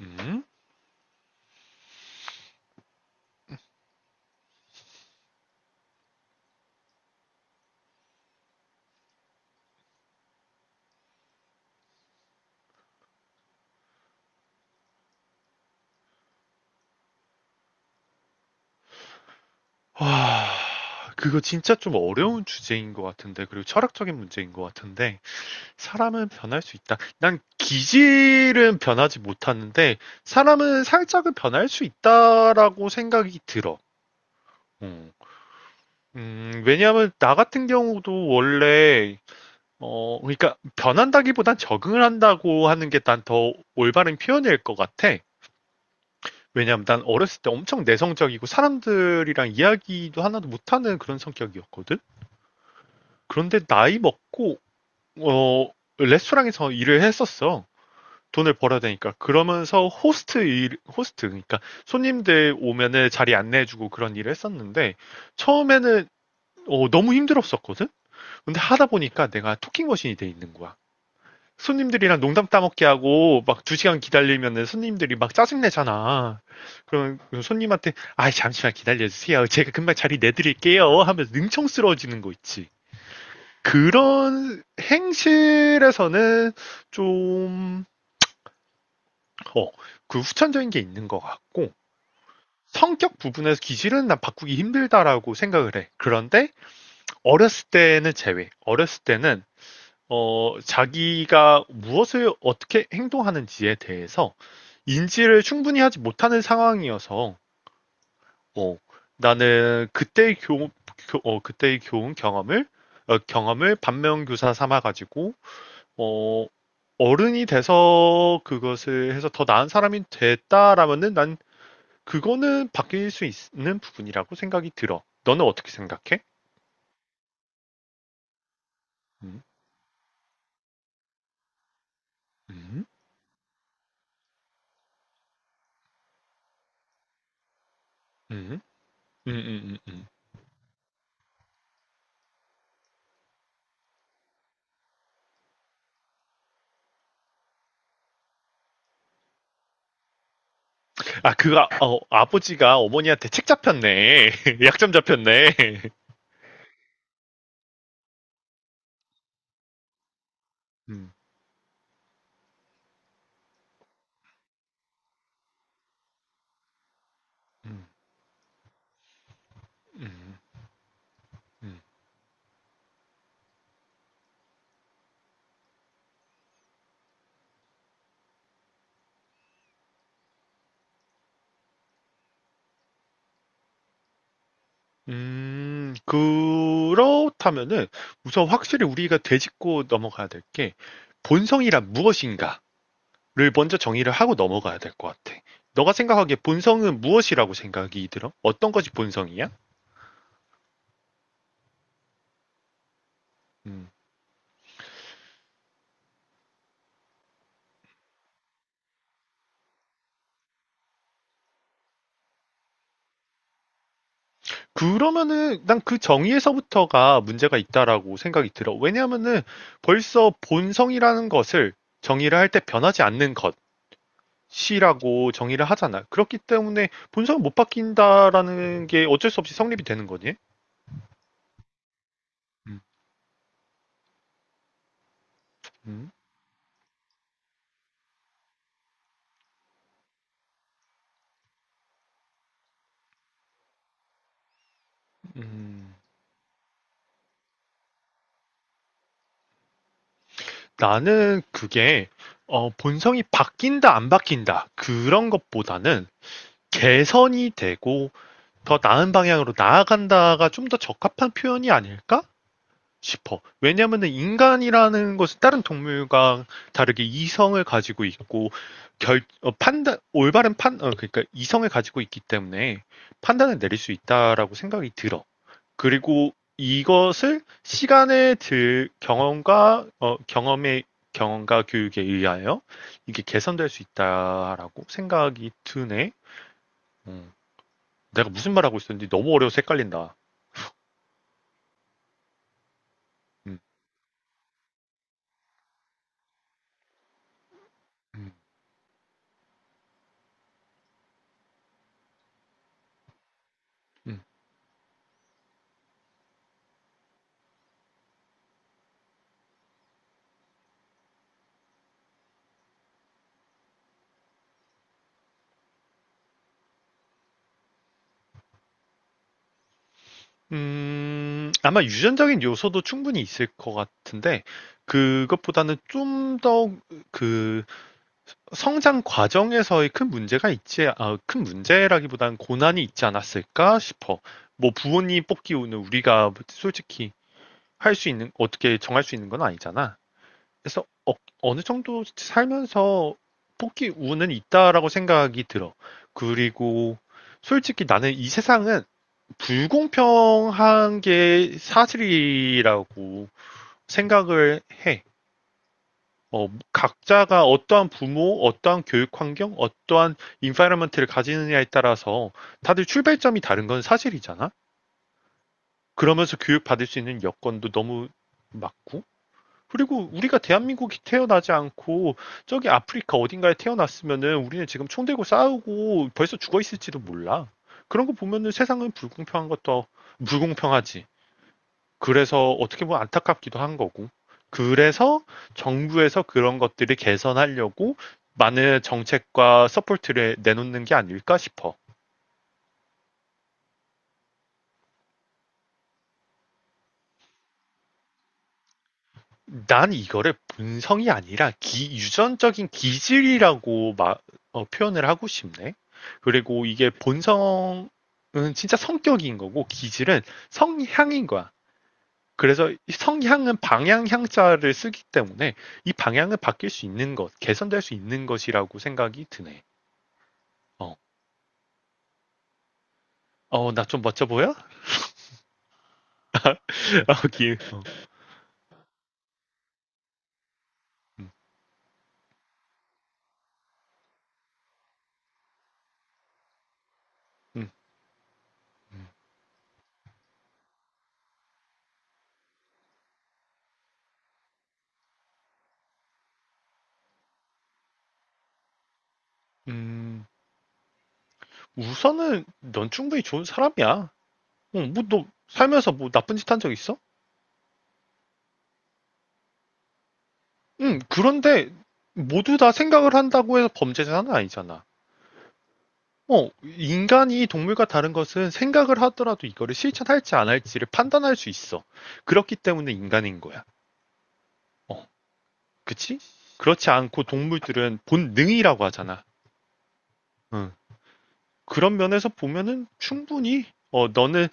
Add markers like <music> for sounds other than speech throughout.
음? 와, 그거 진짜 좀 어려운 주제인 것 같은데, 그리고 철학적인 문제인 것 같은데, 사람은 변할 수 있다. 난 기질은 변하지 못하는데, 사람은 살짝은 변할 수 있다라고 생각이 들어. 음, 왜냐하면 나 같은 경우도 원래, 그러니까 변한다기보단 적응을 한다고 하는 게 난 더 올바른 표현일 것 같아. 왜냐하면 난 어렸을 때 엄청 내성적이고 사람들이랑 이야기도 하나도 못하는 그런 성격이었거든. 그런데 나이 먹고 어 레스토랑에서 일을 했었어. 돈을 벌어야 되니까. 그러면서 호스트 일, 호스트, 그러니까 손님들 오면은 자리 안내해주고 그런 일을 했었는데, 처음에는 너무 힘들었었거든? 근데 하다 보니까 내가 토킹 머신이 돼 있는 거야. 손님들이랑 농담 따먹게 하고, 막 두 시간 기다리면은 손님들이 막 짜증내잖아. 그러면 그 손님한테, 아, 잠시만 기다려주세요. 제가 금방 자리 내드릴게요. 하면서 능청스러워지는 거 있지. 그런 행실에서는 좀, 어, 그 후천적인 게 있는 것 같고, 성격 부분에서 기질은 난 바꾸기 힘들다라고 생각을 해. 그런데 어렸을 때는 제외. 어렸을 때는, 자기가 무엇을 어떻게 행동하는지에 대해서 인지를 충분히 하지 못하는 상황이어서, 어, 나는 그때의 교, 교- 어, 그때의 교훈 경험을, 어, 경험을 반면교사 삼아가지고 어, 어른이 돼서 그것을 해서 더 나은 사람이 됐다라면은 난 그거는 바뀔 수 있는 부분이라고 생각이 들어. 너는 어떻게 생각해? 음, 음, 음, 음, 음, 음, 음. 아, 아버지가 어머니한테 책 잡혔네. <laughs> 약점 잡혔네. 음, 음, 음, 음. 그렇다면은 우선 확실히 우리가 되짚고 넘어가야 될 게 본성이란 무엇인가? 를 먼저 정의를 하고 넘어가야 될 것 같아. 너가 생각하기에 본성은 무엇이라고 생각이 들어? 어떤 것이 본성이야? 음. 그러면은 난 그 정의에서부터가 문제가 있다라고 생각이 들어. 왜냐하면은 벌써 본성이라는 것을 정의를 할 때 변하지 않는 것이라고 정의를 하잖아. 그렇기 때문에 본성은 못 바뀐다라는 게 어쩔 수 없이 성립이 되는 거지. 음, 음, 음. 나는 그게 본성이 바뀐다 안 바뀐다 그런 것보다는 개선이 되고 더 나은 방향으로 나아간다가 좀 더 적합한 표현이 아닐까 싶어. 왜냐면은 인간이라는 것은 다른 동물과 다르게 이성을 가지고 있고 결 어, 판단 올바른 판 어, 그러니까 이성을 가지고 있기 때문에 판단을 내릴 수 있다라고 생각이 들어. 그리고 이것을 시간의 들 경험과 어, 경험의 경험과 교육에 의하여 이게 개선될 수 있다라고 생각이 드네. 음. 내가 무슨 말하고 있었는지 너무 어려워서 헷갈린다. 음, 음, 음. 아마 유전적인 요소도 충분히 있을 것 같은데, 그것보다는 좀 더 그 성장 과정에서의 큰 문제가 있지, 아, 큰 문제라기보다는 고난이 있지 않았을까 싶어. 뭐 부모님 뽑기는 우리가 솔직히 할 수 있는, 어떻게 정할 수 있는 건 아니잖아. 그래서 느 정도 살면서 포기 우는 있다라고 생각이 들어. 그리고 솔직히 나는 이 세상은 불공평한 게 사실이라고 생각을 해. 각자가 어떠한 부모, 어떠한 교육 환경, 어떠한 인파이러먼트를 가지느냐에 따라서 다들 출발점이 다른 건 사실이잖아. 그러면서 교육받을 수 있는 여건도 너무 맞고 그리고 우리가 대한민국이 태어나지 않고 저기 아프리카 어딘가에 태어났으면은 우리는 지금 총 들고 싸우고 벌써 죽어 있을지도 몰라. 그런 거 보면은 세상은 불공평한 것도 불공평하지. 그래서 어떻게 보면 안타깝기도 한 거고. 그래서 정부에서 그런 것들을 개선하려고 많은 정책과 서포트를 내놓는 게 아닐까 싶어. 난 이거를 본성이 아니라 유전적인 기질이라고 표현을 하고 싶네. 그리고 이게 본성은 진짜 성격인 거고 기질은 성향인 거야. 그래서 이 성향은 방향 향자를 쓰기 때문에 이 방향은 바뀔 수 있는 것, 개선될 수 있는 것이라고 생각이 드네. 어, 나 좀 멋져 보여? <laughs> 아, 음, 음, 음, 우선은 넌 충분히 좋은 사람이야. 뭐너 살면서 뭐 나쁜 짓 한 적 있어? 응, 그런데 모두 다 생각을 한다고 해서 범죄자는 아니잖아. 인간이 동물과 다른 것은 생각을 하더라도 이거를 실천할지 안 할지를 판단할 수 있어. 그렇기 때문에 인간인 거야. 어, 그치? 그렇지 않고 동물들은 본능이라고 하잖아. 응. 그런 면에서 보면은 충분히, 너는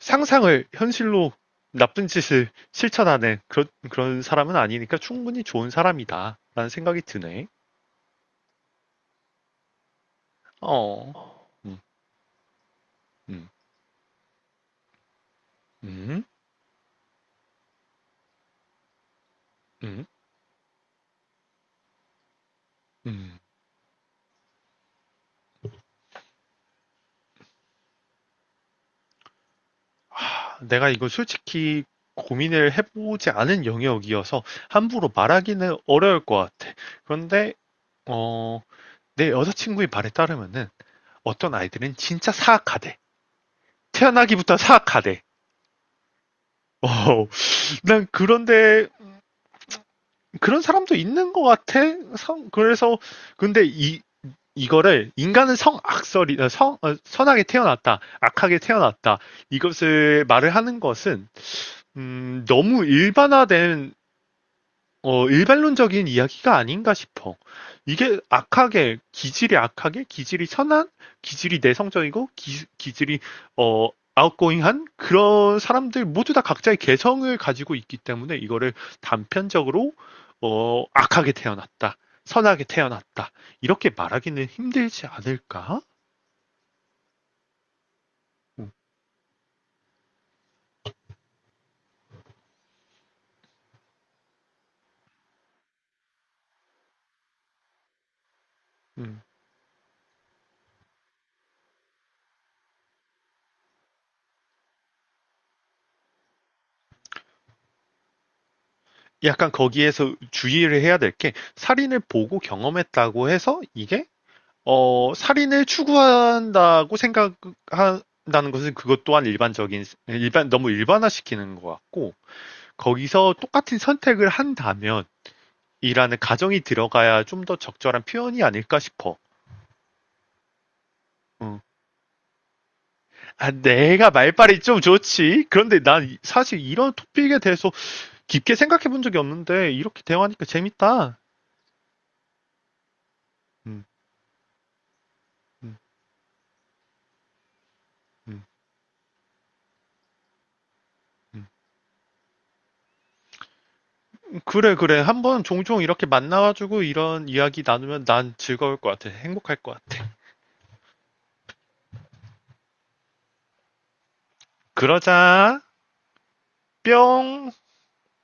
상상을 현실로 나쁜 짓을 실천하는 그런, 그런 사람은 아니니까 충분히 좋은 사람이다. 라는 생각이 드네. 어, 음, 음. 음, 음. 아, 내가 이거 솔직히 고민을 해보지 않은 영역이어서 함부로 말하기는 어려울 것 같아. 그런데, 어, 내 여자친구의 말에 따르면은 어떤 아이들은 진짜 사악하대. 태어나기부터 사악하대. 어, 난 그런데, 그런 사람도 있는 것 같아. 그래서, 근데 이거를 인간은 성악설이, 어, 성, 어, 선하게 태어났다. 악하게 태어났다. 이것을 말을 하는 것은 너무 일반화된 일반론적인 이야기가 아닌가 싶어. 기질이 악하게, 기질이 선한, 기질이 내성적이고, 기질이, 어, 아웃고잉한 그런 사람들 모두 다 각자의 개성을 가지고 있기 때문에 이거를 단편적으로, 악하게 태어났다. 선하게 태어났다. 이렇게 말하기는 힘들지 않을까? 음, 음. 약간 거기에서 주의를 해야 될 게, 살인을 보고 경험했다고 해서 이게 살인을 추구한다고 생각한다는 것은 그것 또한 일반적인, 너무 일반화시키는 것 같고, 거기서 똑같은 선택을 한다면, 이라는 가정이 들어가야 좀 더 적절한 표현이 아닐까 싶어. 응. 아, 내가 말빨이 좀 좋지. 그런데 난 사실 이런 토픽에 대해서 깊게 생각해 본 적이 없는데, 이렇게 대화하니까 재밌다. 음, 음, 음, 음. 그래, 그래. 한번 종종 이렇게 만나가지고 이런 이야기 나누면 난 즐거울 것 같아. 행복할 것 같아. 그러자. 뿅!